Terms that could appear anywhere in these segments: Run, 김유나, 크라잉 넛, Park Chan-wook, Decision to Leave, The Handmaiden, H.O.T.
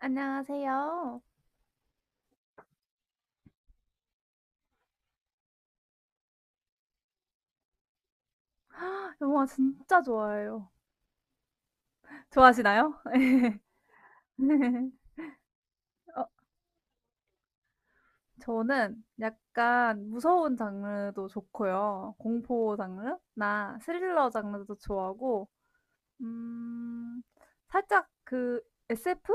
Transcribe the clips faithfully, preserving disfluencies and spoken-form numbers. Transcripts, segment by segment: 안녕하세요. 영화 진짜 좋아해요. 좋아하시나요? 어, 저는 약간 무서운 장르도 좋고요. 공포 장르나 스릴러 장르도 좋아하고, 음, 살짝 그 에스에프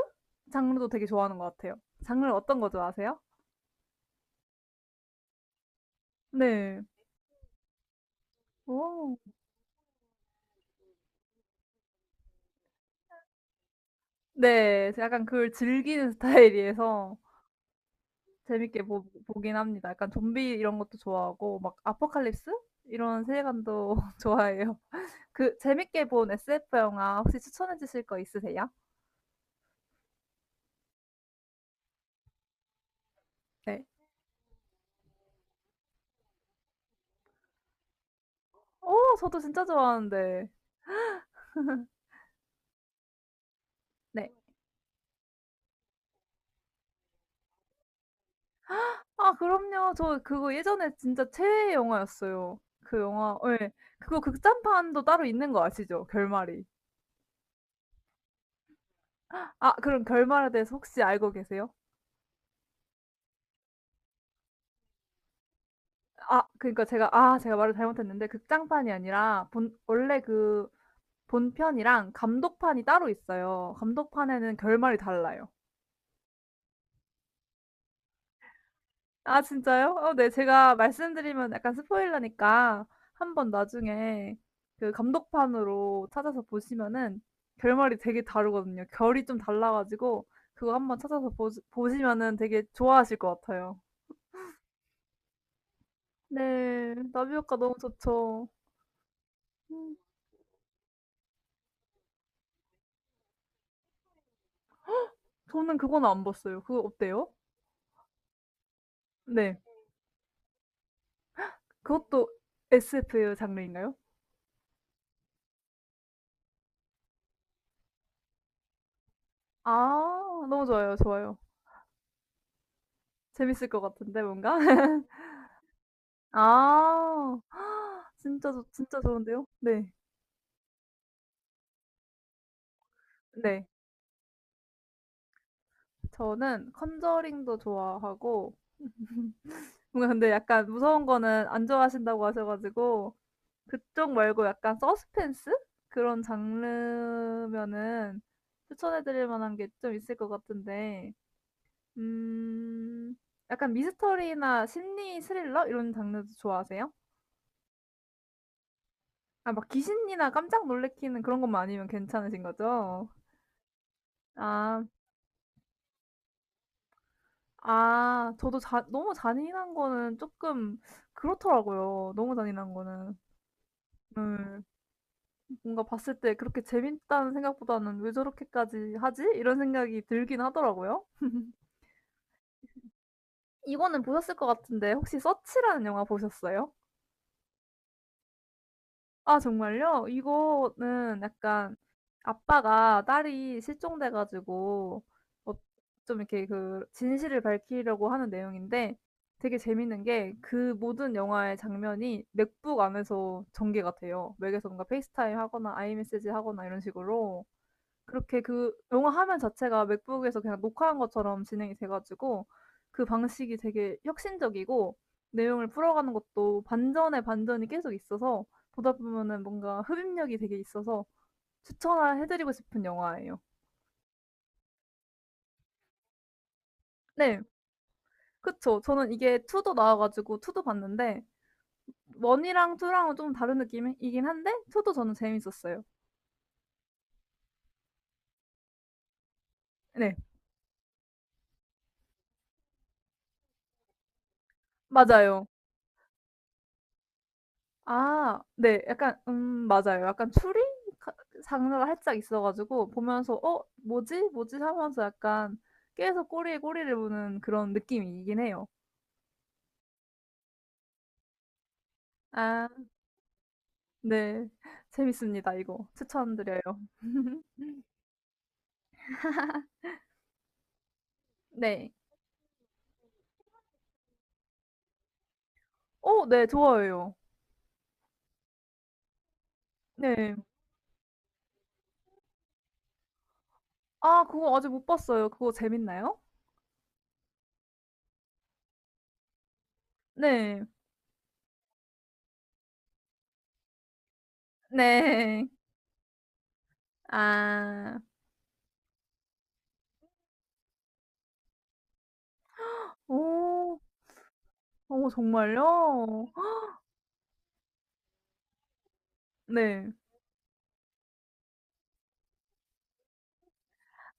장르도 되게 좋아하는 것 같아요. 장르 어떤 거 좋아하세요? 네. 오. 네, 약간 그걸 즐기는 스타일이어서 재밌게 보, 보긴 합니다. 약간 좀비 이런 것도 좋아하고 막 아포칼립스 이런 세계관도 좋아해요. 그 재밌게 본 에스에프 영화 혹시 추천해 주실 거 있으세요? 네. 오, 저도 진짜 좋아하는데. 네. 아, 그럼요. 저 그거 예전에 진짜 최애 영화였어요. 그 영화, 예. 그거 극장판도 따로 있는 거 아시죠? 결말이. 아, 그럼 결말에 대해서 혹시 알고 계세요? 아, 그러니까 제가, 아, 제가 말을 잘못했는데, 극장판이 아니라, 본, 원래 그 본편이랑 감독판이 따로 있어요. 감독판에는 결말이 달라요. 아 진짜요? 어 네. 제가 말씀드리면 약간 스포일러니까 한번 나중에 그 감독판으로 찾아서 보시면은 결말이 되게 다르거든요. 결이 좀 달라 가지고 그거 한번 찾아서 보시 보시면은 되게 좋아하실 것 같아요. 네. 나비효과 너무 좋죠. 저는 그거는 안 봤어요. 그거 어때요? 네. 그것도 에스에프의 장르인가요? 아 너무 좋아요. 좋아요. 재밌을 것 같은데 뭔가? 아. 진짜 좋 진짜 좋은데요? 네. 네. 저는 컨저링도 좋아하고 뭔가 근데 약간 무서운 거는 안 좋아하신다고 하셔 가지고 그쪽 말고 약간 서스펜스 그런 장르면은 추천해 드릴 만한 게 좀 있을 것 같은데 음 약간 미스터리나 심리 스릴러 이런 장르도 좋아하세요? 아 막 귀신이나 깜짝 놀래키는 그런 것만 아니면 괜찮으신 거죠? 아. 아 저도 자 너무 잔인한 거는 조금 그렇더라고요, 너무 잔인한 거는. 네. 뭔가 봤을 때 그렇게 재밌다는 생각보다는 '왜 저렇게까지 하지?' 이런 생각이 들긴 하더라고요. 이거는 보셨을 것 같은데 혹시 서치라는 영화 보셨어요? 아, 정말요? 이거는 약간 아빠가 딸이 실종돼 가지고 어 좀 이렇게 그 진실을 밝히려고 하는 내용인데 되게 재밌는 게 그 모든 영화의 장면이 맥북 안에서 전개가 돼요. 맥에서 뭔가 페이스타임 하거나 아이메시지 하거나 이런 식으로. 그렇게 그 영화 화면 자체가 맥북에서 그냥 녹화한 것처럼 진행이 돼 가지고 그 방식이 되게 혁신적이고 내용을 풀어가는 것도 반전에 반전이 계속 있어서 보다 보면은 뭔가 흡입력이 되게 있어서 추천해 드리고 싶은 영화예요. 네. 그쵸. 저는 이게 이도 나와 가지고 이도 봤는데 원 이랑 투 랑은 좀 다른 느낌이긴 한데 이도 저는 재밌었어요. 네. 맞아요. 아 네. 약간 음 맞아요. 약간 추리 가 장르가 살짝 있어 가지고 보면서 '어 뭐지? 뭐지?' 하면서 약간 계속 꼬리에 꼬리를 무는 그런 느낌이긴 해요. 아 네. 재밌습니다 이거. 추천드려요. 네. 어 네. 좋아요요 네. 아 그거 아직 못 봤어요. 그거 재밌나요? 네. 네. 아. 오. 어 정말요? 네.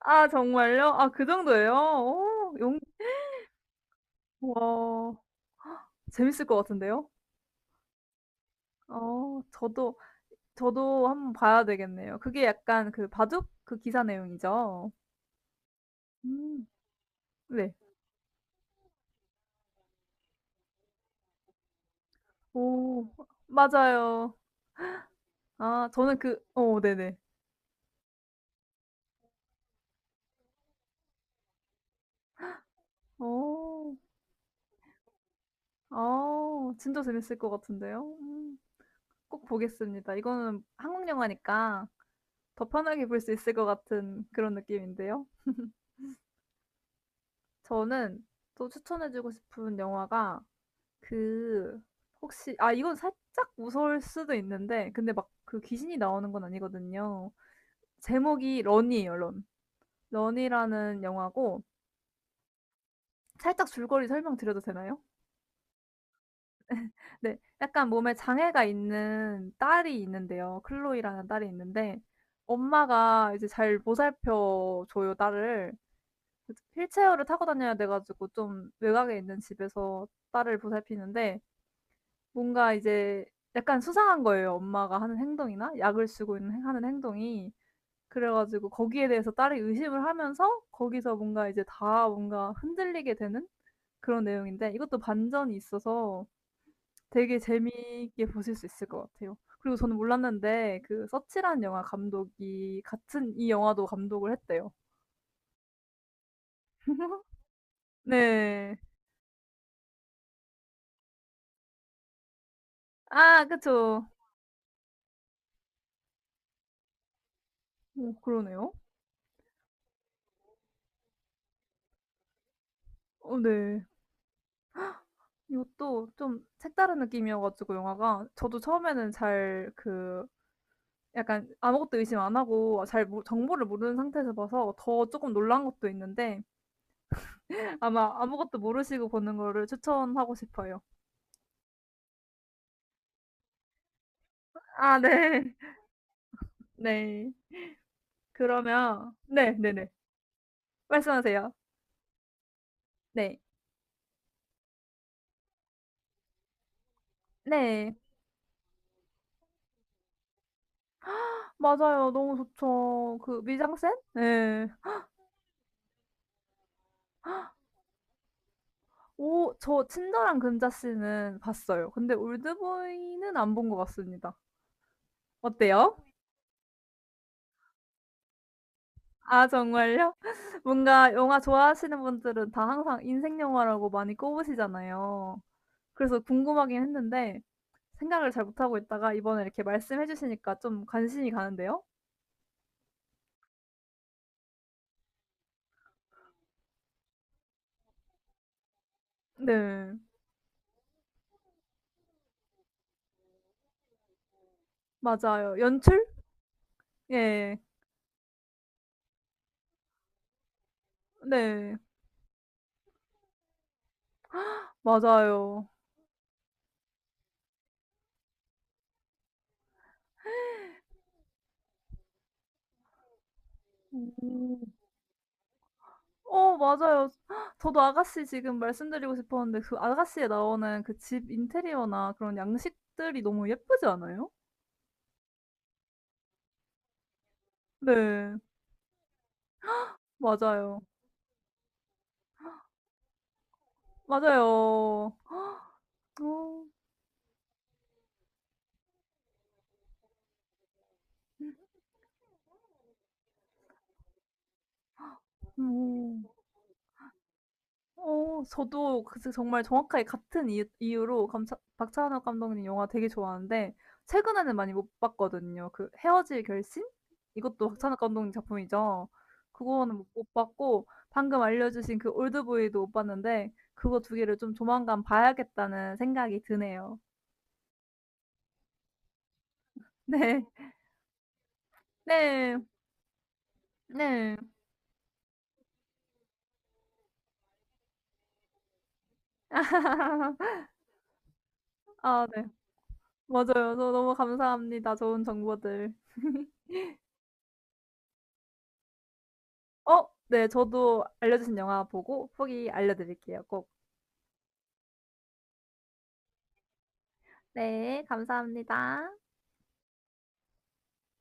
아 정말요? 아 그 정도예요? 오, 용 와. 재밌을 것 같은데요? 어 저도 저도 한번 봐야 되겠네요. 그게 약간 그 바둑 그 기사 내용이죠? 음 네. 오 맞아요. 아 저는 그 어 네네. 어. 아 진짜 재밌을 것 같은데요? 음 꼭 보겠습니다. 이거는 한국 영화니까 더 편하게 볼 수 있을 것 같은 그런 느낌인데요. 저는 또 추천해 주고 싶은 영화가 그 혹시 아 이건 살짝 무서울 수도 있는데 근데 막 그 귀신이 나오는 건 아니거든요. 제목이 런이에요, 런. 런이라는 영화고 살짝 줄거리 설명드려도 되나요? 네. 약간 몸에 장애가 있는 딸이 있는데요. 클로이라는 딸이 있는데 엄마가 이제 잘 보살펴 줘요, 딸을. 휠체어를 타고 다녀야 돼 가지고 좀 외곽에 있는 집에서 딸을 보살피는데 뭔가 이제 약간 수상한 거예요, 엄마가 하는 행동이나 약을 쓰고 있는 행 하는 행동이. 그래 가지고 거기에 대해서 딸이 의심을 하면서 거기서 뭔가 이제 다 뭔가 흔들리게 되는 그런 내용인데 이것도 반전이 있어서 되게 재미있게 보실 수 있을 것 같아요. 그리고 저는 몰랐는데 그 서치란 영화 감독이 같은 이 영화도 감독을 했대요. 네. 아 그쵸. 어 그러네요. 어 네. 이것도 좀 색다른 느낌이어 가지고 영화가 저도 처음에는 잘 그 약간 아무것도 의심 안 하고 잘 모 정보를 모르는 상태에서 봐서 더 조금 놀란 것도 있는데 아마 아무것도 모르시고 보는 거를 추천하고 싶어요. 아 네. 네. 그러면 네 네 네. 말씀하세요. 네. 네. 맞아요. 너무 좋죠. 그 미장센? 네 오 저 친절한 금자씨는 봤어요. 근데 올드보이는 안 본 것 같습니다. 어때요? 아 정말요? 뭔가 영화 좋아하시는 분들은 다 항상 인생 영화라고 많이 꼽으시잖아요. 그래서 궁금하긴 했는데 생각을 잘 못하고 있다가 이번에 이렇게 말씀해 주시니까 좀 관심이 가는데요. 네. 맞아요. 연출? 예. 네. 맞아요. 오. 어 맞아요. 저도 아가씨 지금 말씀드리고 싶었는데 그 아가씨에 나오는 그 집 인테리어나 그런 양식들이 너무 예쁘지 않아요? 네. 맞아요. 맞아요. 어. 음. 어 저도 그 정말 정확하게 같은 이유 이유로 감차 박찬욱 감독님 영화 되게 좋아하는데 최근에는 많이 못 봤거든요. 그 헤어질 결심? 이것도 박찬욱 감독님 작품이죠. 그거는 못 못 봤고 방금 알려주신 그 올드보이도 못 봤는데 그거 두 개를 좀 조만간 봐야겠다는 생각이 드네요. 네. 네. 네. 아 네. 맞아요. 저 너무 감사합니다. 좋은 정보들. 어 네. 저도 알려 주신 영화 보고 후기 알려 드릴게요, 꼭. 네. 감사합니다.